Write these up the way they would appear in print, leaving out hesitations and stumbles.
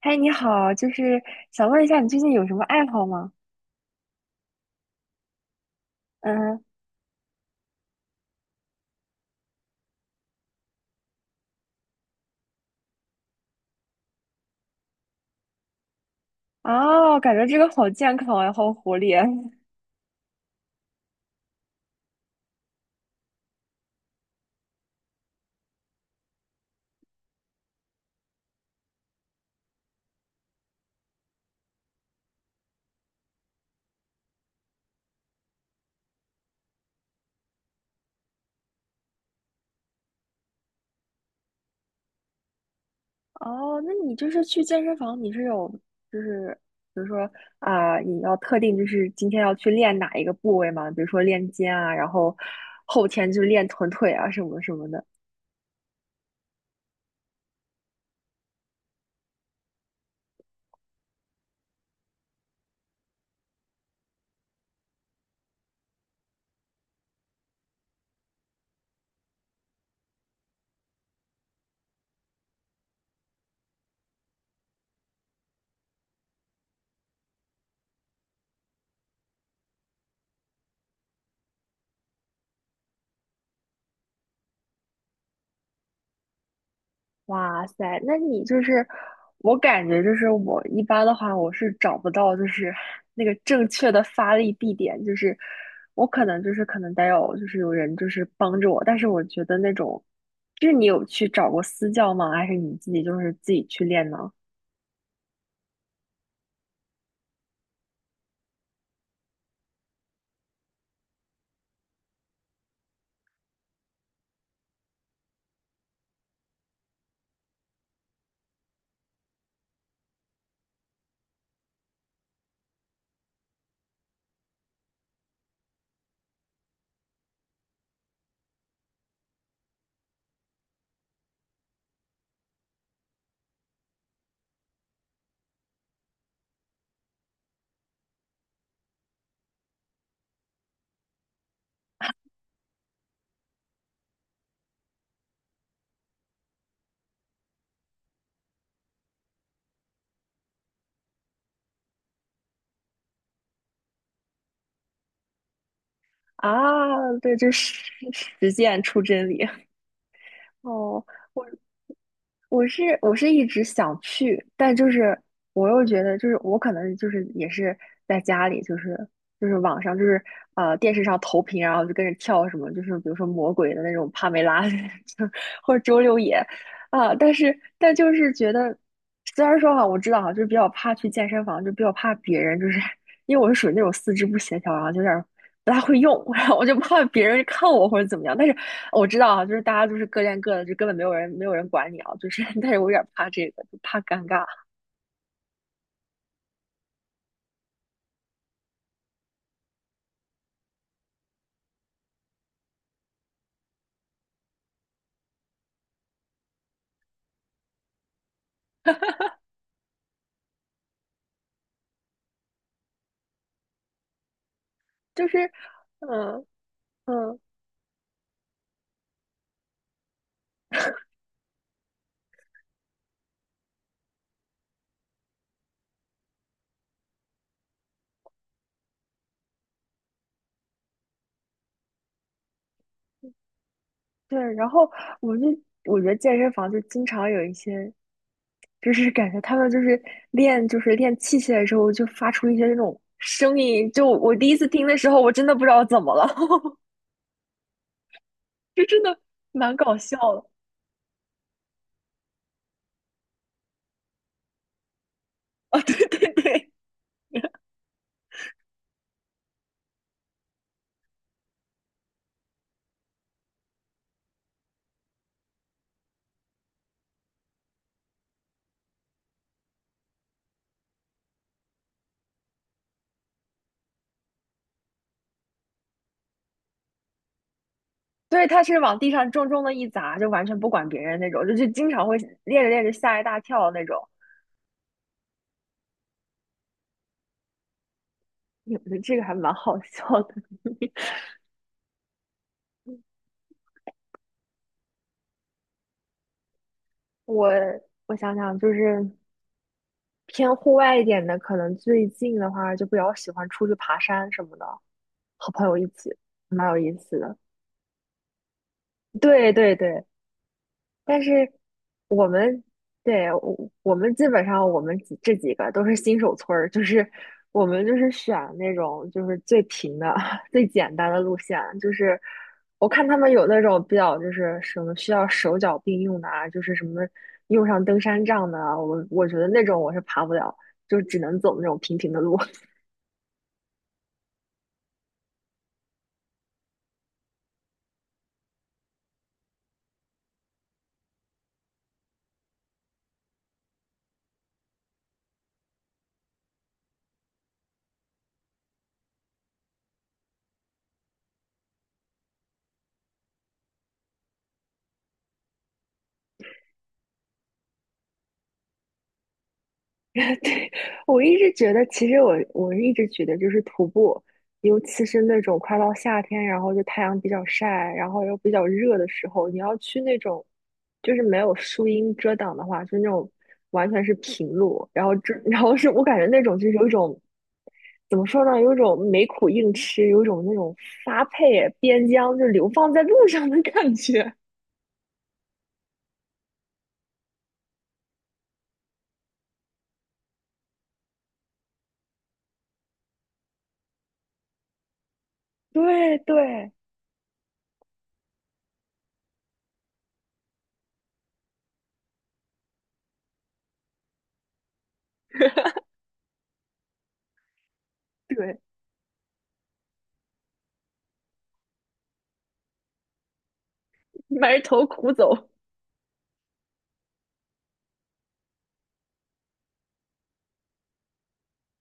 嗨，你好，就是想问一下，你最近有什么爱好吗？嗯，哦，感觉这个好健康呀，好活力。哦，那你就是去健身房，你是有就是比如说啊、你要特定就是今天要去练哪一个部位吗？比如说练肩啊，然后后天就练臀腿啊什么什么的。哇塞，那你就是，我感觉就是我一般的话，我是找不到就是那个正确的发力地点，就是我可能就是可能得有就是有人就是帮着我，但是我觉得那种，就是你有去找过私教吗？还是你自己就是自己去练呢？啊，对，实践出真理。哦，我。我是一直想去，但就是我又觉得，就是我可能就是也是在家里，就是网上就是电视上投屏，然后就跟着跳什么，就是比如说魔鬼的那种帕梅拉，就或者周六野啊、但就是觉得，虽然说哈，我知道哈，就是比较怕去健身房，就比较怕别人，就是因为我是属于那种四肢不协调，然后就有点儿不大会用，然后我就怕别人看我或者怎么样，但是我知道啊，就是大家就是各练各的，就根本没有人管你啊。就是，但是我有点怕这个，就怕尴尬。就是，嗯嗯，对。然后我就我觉得健身房就经常有一些，就是感觉他们就是练就是练器械的时候就发出一些那种声音，就我第一次听的时候，我真的不知道怎么了，就真的蛮搞笑的啊！对对对。对，他是往地上重重的一砸，就完全不管别人那种，就经常会练着练着吓一大跳那种。你们这个还蛮好笑的。我我想想，就是偏户外一点的，可能最近的话就比较喜欢出去爬山什么的，和朋友一起，蛮有意思的。对对对，但是我们对我们基本上我们几这几个都是新手村儿，就是我们就是选那种就是最平的、最简单的路线。就是我看他们有那种比较就是什么需要手脚并用的啊，就是什么用上登山杖的啊，我觉得那种我是爬不了，就只能走那种平平的路。对，我一直觉得，其实我一直觉得，就是徒步，尤其是那种快到夏天，然后就太阳比较晒，然后又比较热的时候，你要去那种就是没有树荫遮挡的话，就那种完全是平路，然后这 然后是我感觉那种就是有一种怎么说呢，有一种没苦硬吃，有一种那种发配边疆就流放在路上的感觉。对对对，埋头苦走。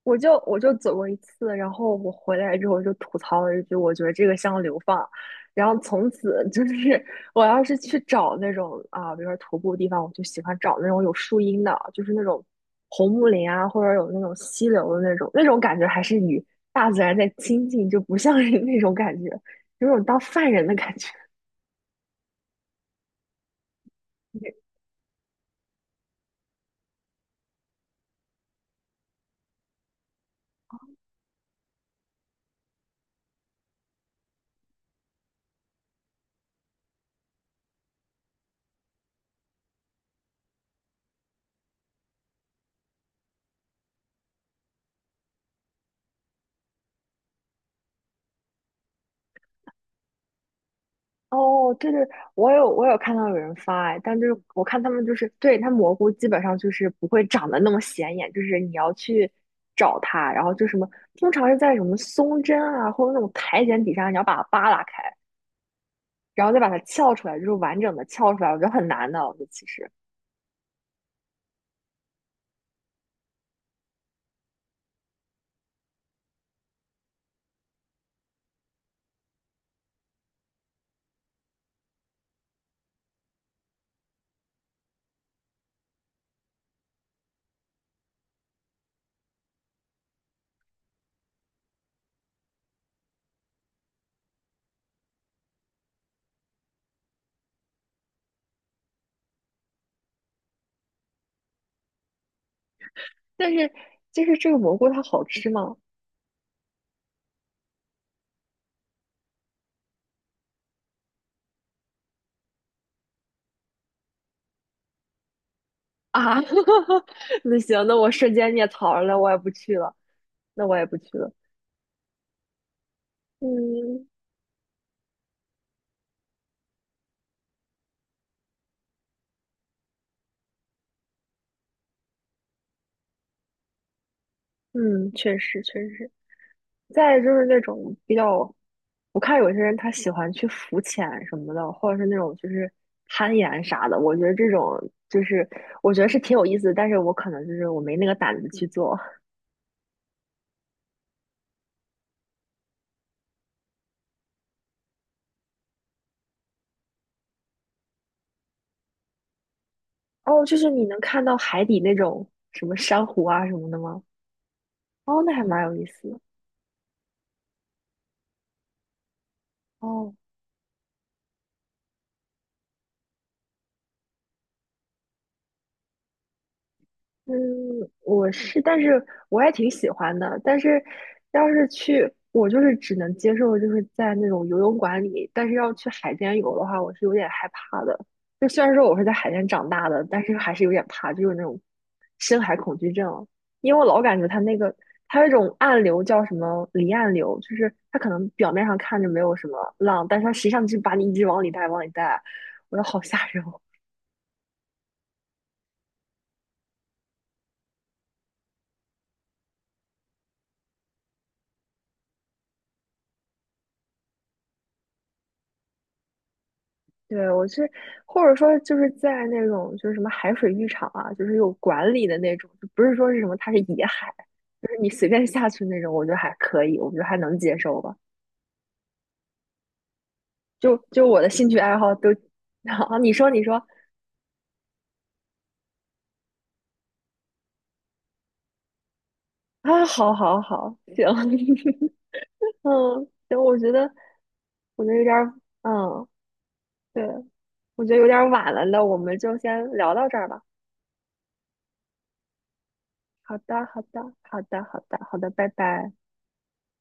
我就走过一次，然后我回来之后就吐槽了一句，我觉得这个像流放。然后从此就是 我要是去找那种啊，比如说徒步地方，我就喜欢找那种有树荫的，就是那种红木林啊，或者有那种溪流的那种，那种感觉还是与大自然在亲近，就不像是那种感觉，有种当犯人的感觉。哦，对对，我有看到有人发哎，但就是我看他们就是对它蘑菇基本上就是不会长得那么显眼，就是你要去找它，然后就什么通常是在什么松针啊或者那种苔藓底下，你要把它扒拉开，然后再把它撬出来，就是完整的撬出来，我觉得很难的，我觉得其实，但是就是这个蘑菇它好吃吗？啊，那行，那我瞬间灭槽了，我也不去了，那我也不去了，嗯，嗯，确实确实。再就是那种比较，我看有些人他喜欢去浮潜什么的，或者是那种就是攀岩啥的，我觉得这种就是我觉得是挺有意思的，但是我可能就是我没那个胆子去做。哦，就是你能看到海底那种什么珊瑚啊什么的吗？哦，那还蛮有意思的。哦。嗯，我是，但是我也挺喜欢的。但是，要是去，我就是只能接受，就是在那种游泳馆里。但是要去海边游的话，我是有点害怕的。就虽然说我是在海边长大的，但是还是有点怕，就是那种深海恐惧症。因为我老感觉它那个，它有一种暗流叫什么离岸流，就是它可能表面上看着没有什么浪，但是它实际上就把你一直往里带，往里带，我觉得好吓人哦对，我去，或者说就是在那种就是什么海水浴场啊，就是有管理的那种，就不是说是什么它是野海，就是你随便下去那种，我觉得还可以，我觉得还能接受吧。就我的兴趣爱好都，啊，你说你说啊，好好好，行，嗯，行，我觉得有点儿，嗯，对，我觉得有点儿晚了，那我们就先聊到这儿吧。好的，好的，好的，好的，好的，拜拜。